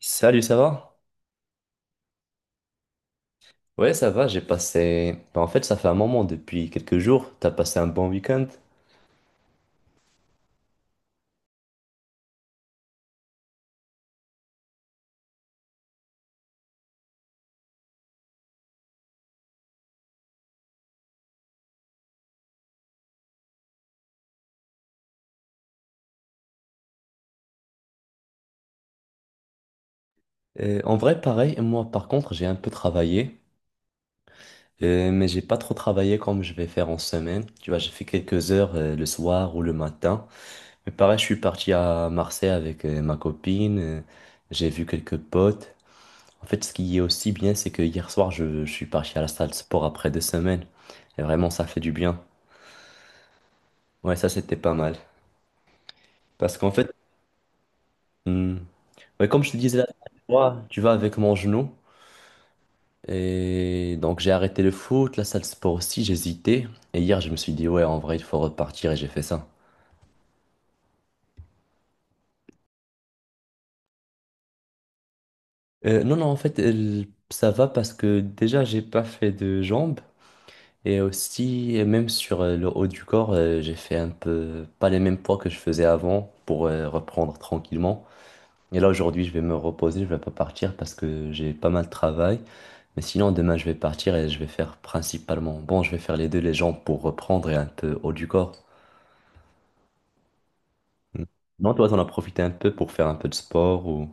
Salut, ça va? Ouais, ça va, j'ai passé... ça fait un moment depuis quelques jours, t'as passé un bon week-end. Pareil, moi par contre, j'ai un peu travaillé, mais j'ai pas trop travaillé comme je vais faire en semaine. Tu vois, j'ai fait quelques heures le soir ou le matin. Mais pareil, je suis parti à Marseille avec ma copine, j'ai vu quelques potes. En fait, ce qui est aussi bien, c'est que hier soir, je suis parti à la salle de sport après 2 semaines. Et vraiment, ça fait du bien. Ouais, ça, c'était pas mal. Parce qu'en fait... hmm, mais comme je te disais la dernière fois, tu vas avec mon genou. Et donc j'ai arrêté le foot, la salle de sport aussi, j'hésitais. Et hier, je me suis dit, ouais, en vrai, il faut repartir et j'ai fait ça. Non, non, en fait, ça va parce que déjà, j'ai pas fait de jambes. Et aussi, même sur le haut du corps, j'ai fait un peu, pas les mêmes poids que je faisais avant pour reprendre tranquillement. Et là, aujourd'hui, je vais me reposer, je vais pas partir parce que j'ai pas mal de travail. Mais sinon, demain, je vais partir et je vais faire principalement, bon, je vais faire les deux, les jambes pour reprendre et un peu haut du corps. Mm. Non, toi, t'en as profité un peu pour faire un peu de sport ou...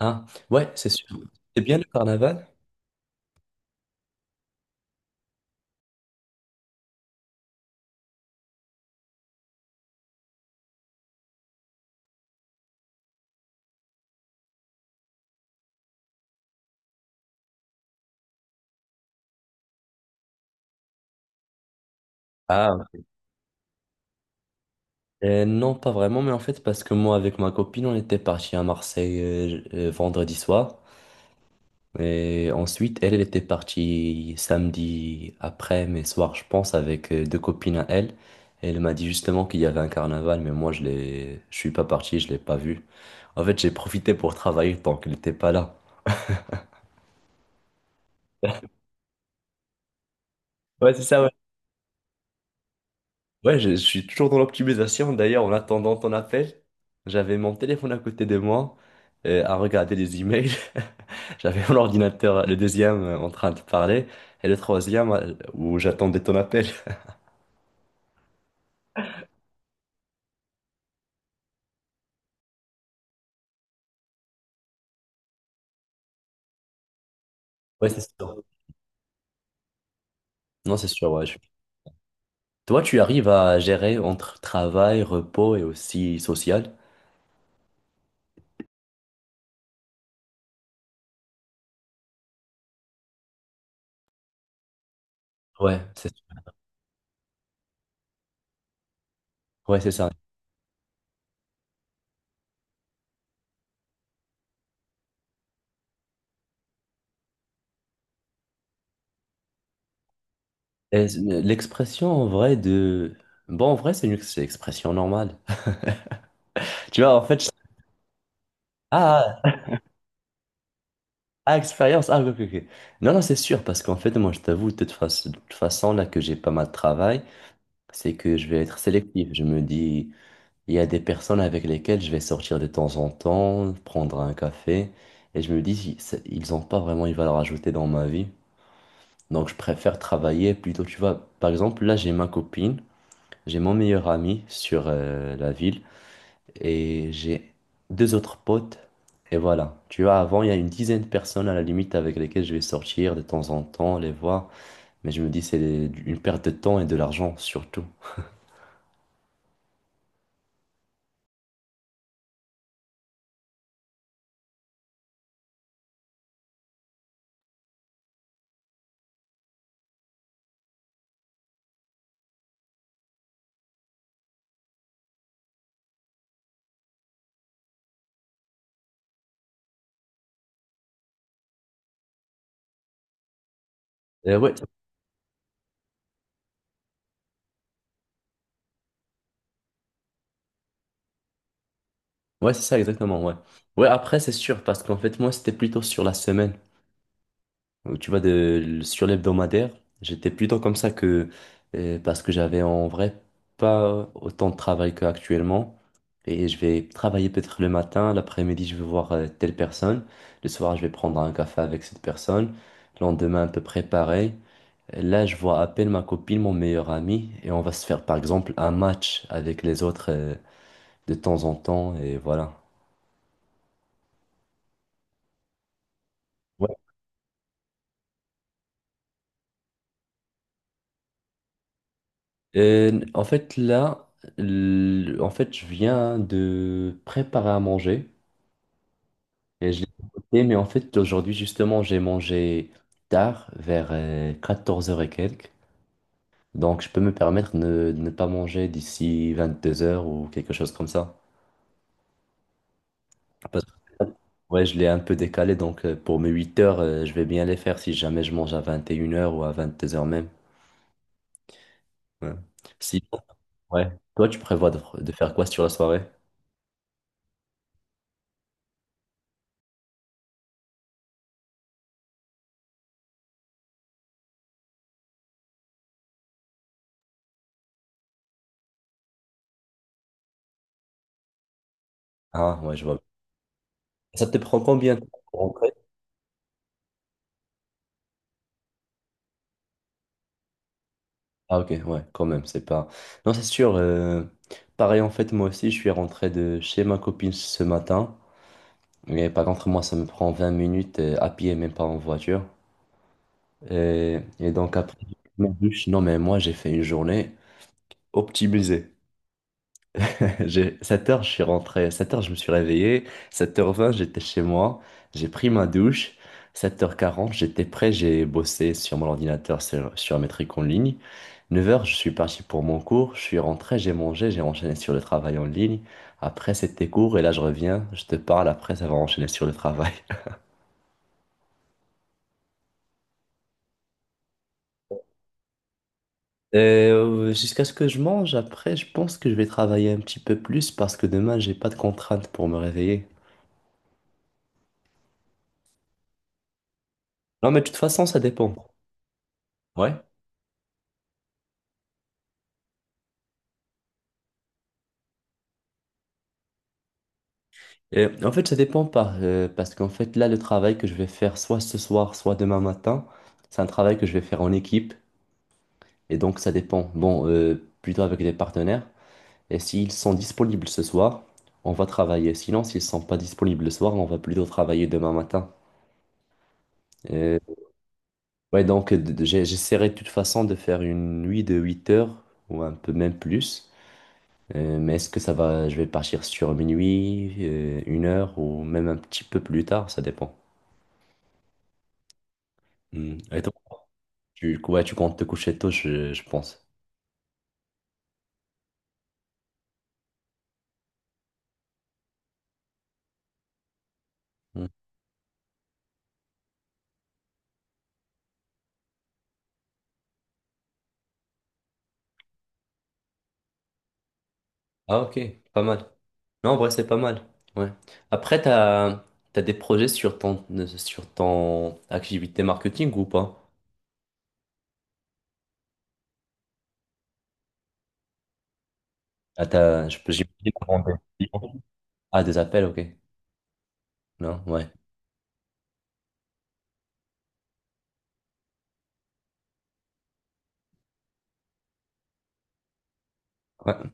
Ah, ouais, c'est sûr. C'est bien le carnaval? Ah, non, pas vraiment, mais en fait, parce que moi, avec ma copine, on était parti à Marseille vendredi soir. Et ensuite, elle, elle était partie samedi après, mais soir, je pense, avec deux copines à elle. Et elle m'a dit justement qu'il y avait un carnaval, mais moi, je suis pas parti, je l'ai pas vu. En fait, j'ai profité pour travailler tant qu'elle n'était pas là. Ouais, c'est ça, ouais. Ouais, je suis toujours dans l'optimisation. D'ailleurs, en attendant ton appel, j'avais mon téléphone à côté de moi, à regarder les emails. J'avais mon ordinateur, le deuxième, en train de parler, et le troisième, où j'attendais ton appel. Ouais, c'est ça. Non, c'est sûr, ouais. Toi, tu arrives à gérer entre travail, repos et aussi social? Ouais, c'est ouais, c'est ça. Et l'expression en vrai de... Bon, en vrai, c'est une expression normale. Tu vois, en fait, ah, expérience, ah, ok, ok. Non, non, c'est sûr, parce qu'en fait, moi, je t'avoue, de toute façon, là que j'ai pas mal de travail, c'est que je vais être sélectif. Je me dis, il y a des personnes avec lesquelles je vais sortir de temps en temps, prendre un café, et je me dis, ils ont pas vraiment une valeur ajoutée dans ma vie. Donc, je préfère travailler plutôt, tu vois. Par exemple, là, j'ai ma copine, j'ai mon meilleur ami sur la ville et j'ai deux autres potes. Et voilà. Tu vois, avant, il y a une dizaine de personnes à la limite avec lesquelles je vais sortir de temps en temps, les voir. Mais je me dis, c'est une perte de temps et de l'argent surtout. Euh, ouais, ouais, c'est ça, exactement, ouais. Ouais, après, c'est sûr, parce qu'en fait, moi, c'était plutôt sur la semaine. Ou tu vois, de, sur l'hebdomadaire, j'étais plutôt comme ça que parce que j'avais en vrai pas autant de travail qu'actuellement. Et je vais travailler peut-être le matin, l'après-midi, je vais voir telle personne. Le soir, je vais prendre un café avec cette personne. Le lendemain, à peu près pareil. Là, je vois à peine ma copine, mon meilleur ami, et on va se faire par exemple un match avec les autres de temps en temps, et voilà. Euh, en fait, là, en fait, je viens de préparer à manger et je l'ai écouté, mais en fait, aujourd'hui, justement, j'ai mangé tard, vers 14 heures et quelques. Donc, je peux me permettre de ne pas manger d'ici 22 heures ou quelque chose comme ça. Parce que, ouais, je l'ai un peu décalé, donc pour mes 8 heures je vais bien les faire si jamais je mange à 21 heures ou à 22 heures même. Ouais. Si, ouais. Toi, tu prévois de faire quoi sur la soirée? Ah, ouais, je vois. Ça te prend combien de temps pour rentrer? Ah, ok, ouais, quand même, c'est pas... Non, c'est sûr. Pareil, en fait, moi aussi, je suis rentré de chez ma copine ce matin. Mais par contre, moi, ça me prend 20 minutes à pied, même pas en voiture. Et donc après, ma douche, non mais moi, j'ai fait une journée optimisée. 7 heures, je suis rentré. 7 heures, je me suis réveillé. 7:20, j'étais chez moi. J'ai pris ma douche. 7:40, j'étais prêt. J'ai bossé sur mon ordinateur, sur mes trucs en ligne. 9 heures, je suis parti pour mon cours. Je suis rentré, j'ai mangé, j'ai enchaîné sur le travail en ligne. Après, c'était cours et là, je reviens. Je te parle. Après, ça va enchaîner sur le travail. Et, jusqu'à ce que je mange, après, je pense que je vais travailler un petit peu plus parce que demain, j'ai pas de contraintes pour me réveiller. Non, mais de toute façon, ça dépend. Ouais. Ça dépend par, parce qu'en fait, là, le travail que je vais faire soit ce soir, soit demain matin, c'est un travail que je vais faire en équipe. Et donc, ça dépend. Plutôt avec des partenaires. Et s'ils sont disponibles ce soir, on va travailler. Sinon, s'ils sont pas disponibles le soir, on va plutôt travailler demain matin. Euh, ouais, donc, j'essaierai de toute façon de faire une nuit de 8 heures ou un peu même plus. Mais est-ce que ça va, je vais partir sur minuit, une heure ou même un petit peu plus tard, ça dépend. Hmm. Et toi? Ouais, tu comptes te coucher tôt, je pense. Hmm. Ah, ok, pas mal. Non, en vrai, c'est pas mal. Ouais. Après, t'as des projets sur sur ton activité marketing ou pas? Ah, t'as, je peux, j'imagine avant des clients. Ah, des appels, ok. Non, ouais. Ouais,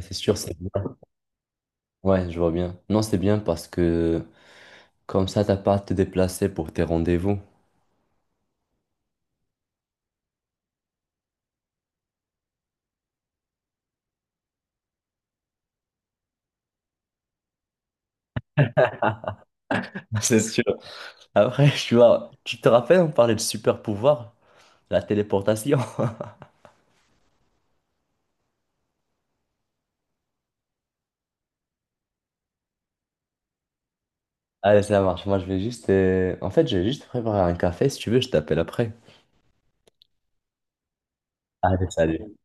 c'est sûr, c'est bien. Ouais, je vois bien. Non, c'est bien parce que comme ça, t'as pas à te déplacer pour tes rendez-vous. C'est sûr. Après, tu vois, tu te rappelles, on parlait de super pouvoir, la téléportation. Allez, ça marche. Moi, je vais juste. En fait, je vais juste préparer un café. Si tu veux, je t'appelle après. Allez, salut.